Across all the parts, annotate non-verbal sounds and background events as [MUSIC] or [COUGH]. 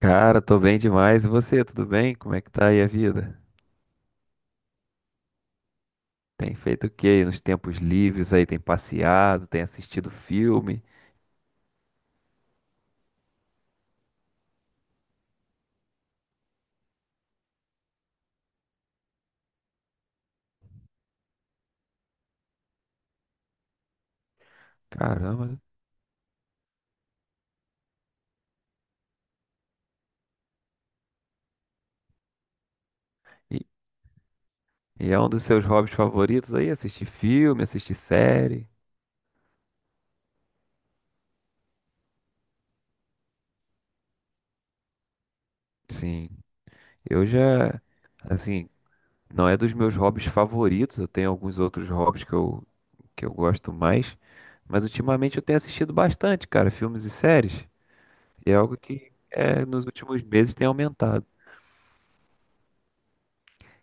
Cara, tô bem demais. E você, tudo bem? Como é que tá aí a vida? Tem feito o quê aí nos tempos livres aí? Tem passeado, tem assistido filme? Caramba. E, e é um dos seus hobbies favoritos aí? Assistir filme, assistir série? Sim. Eu já, assim, não é dos meus hobbies favoritos. Eu tenho alguns outros hobbies que eu gosto mais. Mas ultimamente eu tenho assistido bastante, cara, filmes e séries. E é algo que é, nos últimos meses tem aumentado.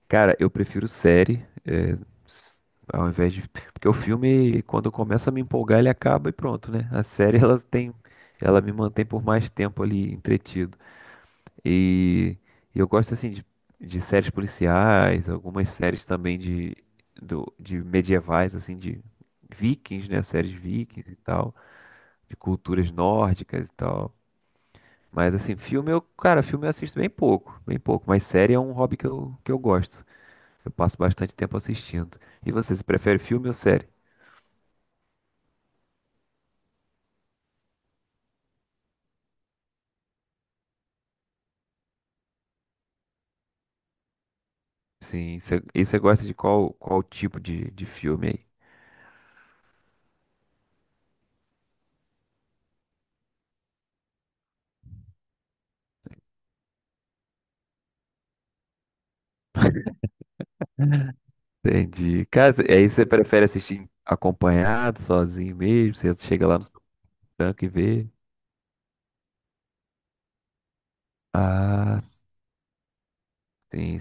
Cara, eu prefiro série, s- ao invés de. Porque o filme, quando começa a me empolgar, ele acaba e pronto, né? A série, [LAUGHS] ela tem. Ela me mantém por mais tempo ali entretido. E eu gosto, assim, de séries policiais, algumas séries também de medievais, assim, de vikings, né? Séries vikings e tal, de culturas nórdicas e tal. Mas, assim, filme eu. Cara, filme eu assisto bem pouco, bem pouco. Mas série é um hobby que eu gosto. Eu passo bastante tempo assistindo. E você prefere filme ou série? Sim, e você gosta de qual tipo de filme aí? Entendi. Cara, aí você prefere assistir acompanhado, sozinho mesmo? Você chega lá no seu banco e vê? Ah, sim.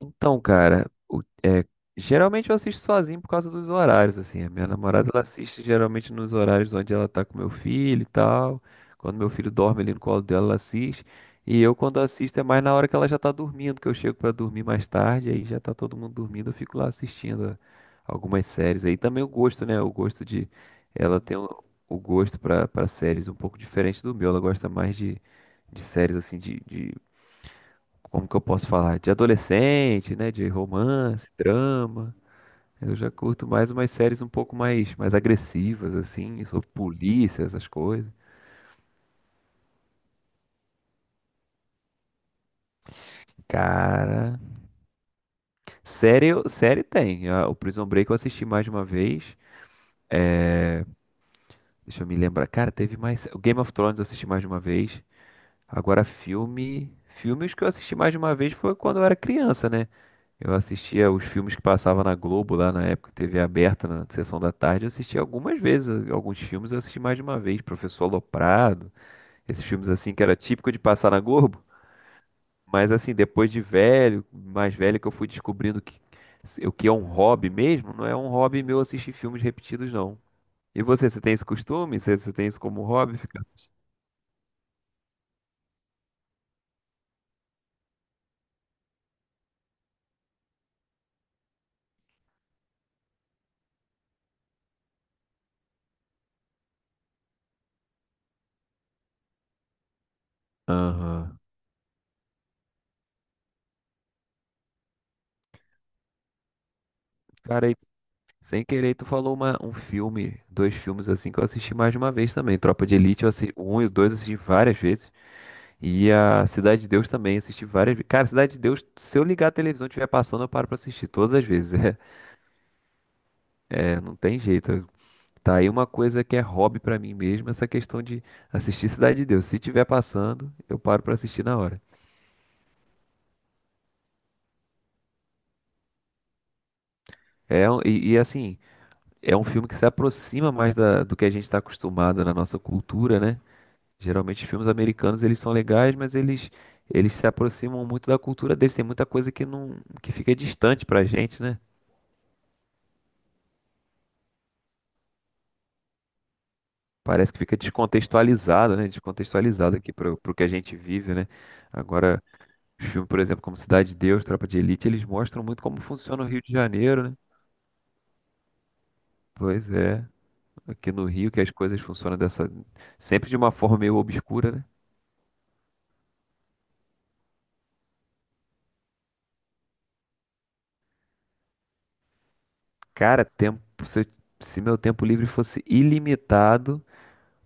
Então, cara, geralmente eu assisto sozinho por causa dos horários, assim. A minha namorada, ela assiste geralmente nos horários onde ela tá com meu filho e tal. Quando meu filho dorme ali no colo dela, ela assiste. E eu, quando assisto, é mais na hora que ela já tá dormindo, que eu chego pra dormir mais tarde, aí já tá todo mundo dormindo, eu fico lá assistindo algumas séries. Aí também o gosto, né? O gosto de. Ela tem o gosto pra para séries um pouco diferente do meu. Ela gosta mais de séries, assim, de como que eu posso falar? De adolescente, né? De romance, drama. Eu já curto mais umas séries um pouco mais, mais agressivas, assim, sobre polícia, essas coisas. Cara, série tem. Ah, o Prison Break eu assisti mais de uma vez. É, deixa eu me lembrar. Cara, teve mais. O Game of Thrones eu assisti mais de uma vez. Agora, filme. Filmes que eu assisti mais de uma vez foi quando eu era criança, né? Eu assistia os filmes que passava na Globo lá na época, TV aberta, na sessão da tarde. Eu assisti algumas vezes, alguns filmes eu assisti mais de uma vez. Professor Aloprado, esses filmes assim que era típico de passar na Globo. Mas assim, depois de velho, mais velho, que eu fui descobrindo que o que é um hobby mesmo, não é um hobby meu assistir filmes repetidos, não. E você tem esse costume? Você tem isso como hobby? Ficar assistindo? Aham. Cara, sem querer, tu falou um filme, dois filmes assim que eu assisti mais de uma vez também. Tropa de Elite, eu assisti o um e o dois eu assisti várias vezes. E a Cidade de Deus também, assisti várias vezes. Cara, Cidade de Deus, se eu ligar a televisão e estiver passando, eu paro pra assistir todas as vezes. [LAUGHS] É, é, não tem jeito. Tá aí uma coisa que é hobby pra mim mesmo, essa questão de assistir Cidade de Deus. Se tiver passando, eu paro pra assistir na hora. É, e assim, é um filme que se aproxima mais do que a gente tá acostumado na nossa cultura, né? Geralmente filmes americanos eles são legais, mas eles se aproximam muito da cultura deles. Tem muita coisa que não, que fica distante pra gente, né? Parece que fica descontextualizado, né? Descontextualizado aqui pro que a gente vive, né? Agora, os filmes, por exemplo, como Cidade de Deus, Tropa de Elite, eles mostram muito como funciona o Rio de Janeiro, né? Pois é, aqui no Rio que as coisas funcionam dessa sempre de uma forma meio obscura, né? Cara, tempo, se meu tempo livre fosse ilimitado,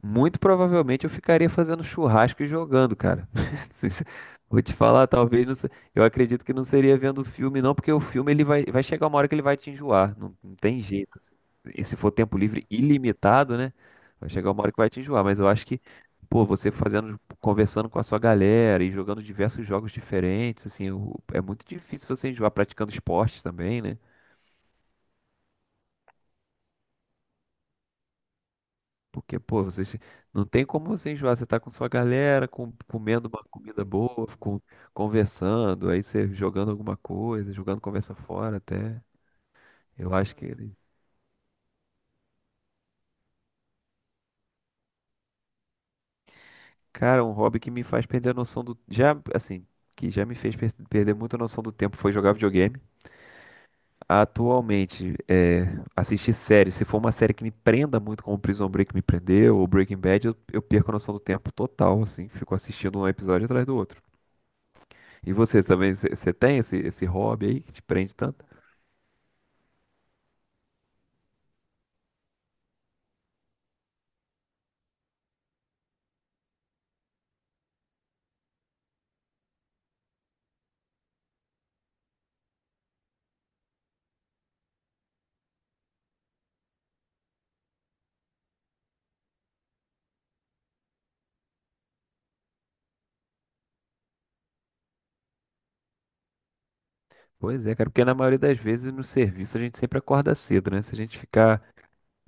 muito provavelmente eu ficaria fazendo churrasco e jogando, cara. [LAUGHS] Se- se- Vou te falar, talvez não, eu acredito que não seria vendo o filme, não, porque o filme ele vai chegar uma hora que ele vai te enjoar. Não, não tem jeito, assim. E se for tempo livre ilimitado, né? Vai chegar uma hora que vai te enjoar. Mas eu acho que, pô, você fazendo, conversando com a sua galera e jogando diversos jogos diferentes, assim, é muito difícil você enjoar praticando esporte também, né? Porque, pô, vocês não tem como você enjoar. Você tá com sua galera, comendo uma comida boa, conversando, aí você jogando alguma coisa, jogando conversa fora até. Eu acho que eles. Cara, é um hobby que me faz perder a noção do. Já, assim, que já me fez perder muito a noção do tempo foi jogar videogame. Atualmente, assistir série. Se for uma série que me prenda muito, como Prison Break me prendeu, ou Breaking Bad, eu perco a noção do tempo total, assim. Fico assistindo um episódio atrás do outro. E você também, você tem esse hobby aí que te prende tanto? Pois é, cara, porque na maioria das vezes no serviço a gente sempre acorda cedo, né? Se a gente ficar.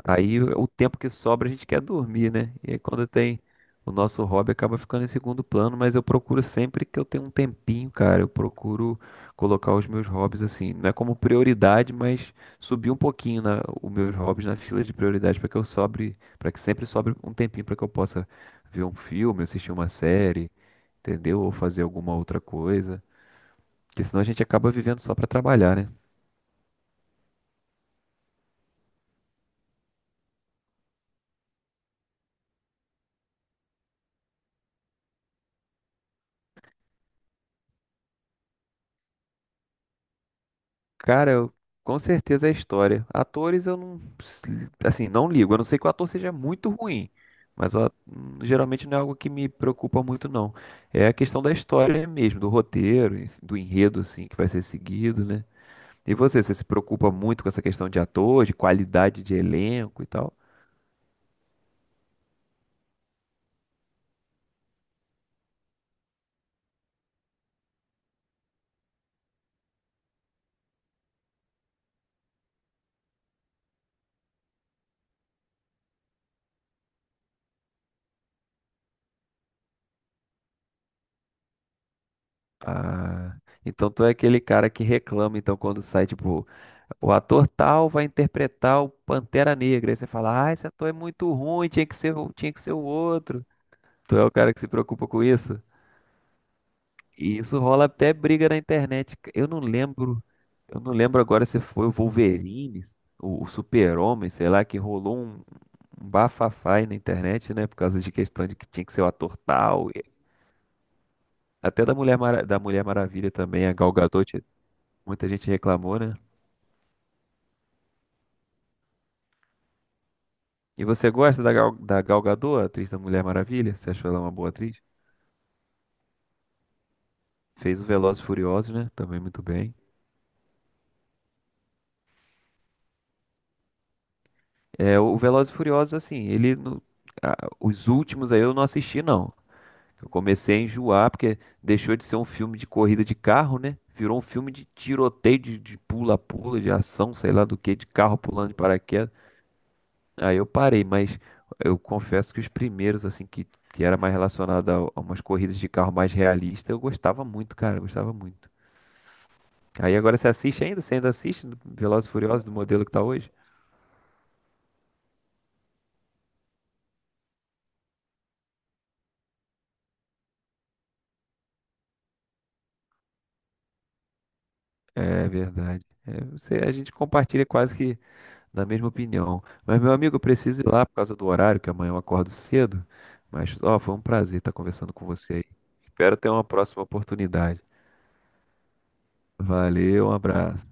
Aí o tempo que sobra a gente quer dormir, né? E aí quando tem o nosso hobby acaba ficando em segundo plano, mas eu procuro sempre que eu tenho um tempinho, cara, eu procuro colocar os meus hobbies assim, não é como prioridade, mas subir um pouquinho na, os meus hobbies na fila de prioridade para que eu sobre, para que sempre sobre um tempinho para que eu possa ver um filme, assistir uma série, entendeu? Ou fazer alguma outra coisa, porque senão a gente acaba vivendo só para trabalhar, né? Cara, com certeza é história. Atores eu não, assim, não ligo. Eu não sei que o ator seja muito ruim, mas geralmente não é algo que me preocupa muito, não. É a questão da história mesmo, do roteiro, enfim, do enredo, assim, que vai ser seguido, né? E você se preocupa muito com essa questão de ator, de qualidade de elenco e tal? Ah, então tu é aquele cara que reclama, então, quando sai, tipo, o ator tal vai interpretar o Pantera Negra. Aí você fala, ah, esse ator é muito ruim, tinha que ser, tinha que ser o outro. Tu é o cara que se preocupa com isso? E isso rola até briga na internet. Eu não lembro agora se foi o Wolverine, o Super-Homem, sei lá, que rolou um bafafá aí na internet, né? Por causa de questão de que tinha que ser o ator tal. Até da Mulher Maravilha também, a Gal Gadot, muita gente reclamou, né? E você gosta da Gal Gadot, a atriz da Mulher Maravilha? Você achou ela uma boa atriz? Fez o Velozes e Furiosos, né? Também muito bem. É, o Velozes e Furiosos, assim, ele, os últimos aí eu não assisti, não. Eu comecei a enjoar, porque deixou de ser um filme de corrida de carro, né? Virou um filme de tiroteio, de pula-pula, de ação, sei lá do que, de carro pulando de paraquedas. Aí eu parei, mas eu confesso que os primeiros, assim, que era mais relacionado a umas corridas de carro mais realistas, eu gostava muito, cara, eu gostava muito. Aí agora você assiste ainda? Você ainda assiste Velozes e Furiosos do modelo que tá hoje? É verdade. É, você, a gente compartilha quase que da mesma opinião. Mas, meu amigo, eu preciso ir lá por causa do horário, que amanhã eu acordo cedo. Mas, ó, foi um prazer estar conversando com você aí. Espero ter uma próxima oportunidade. Valeu, um abraço.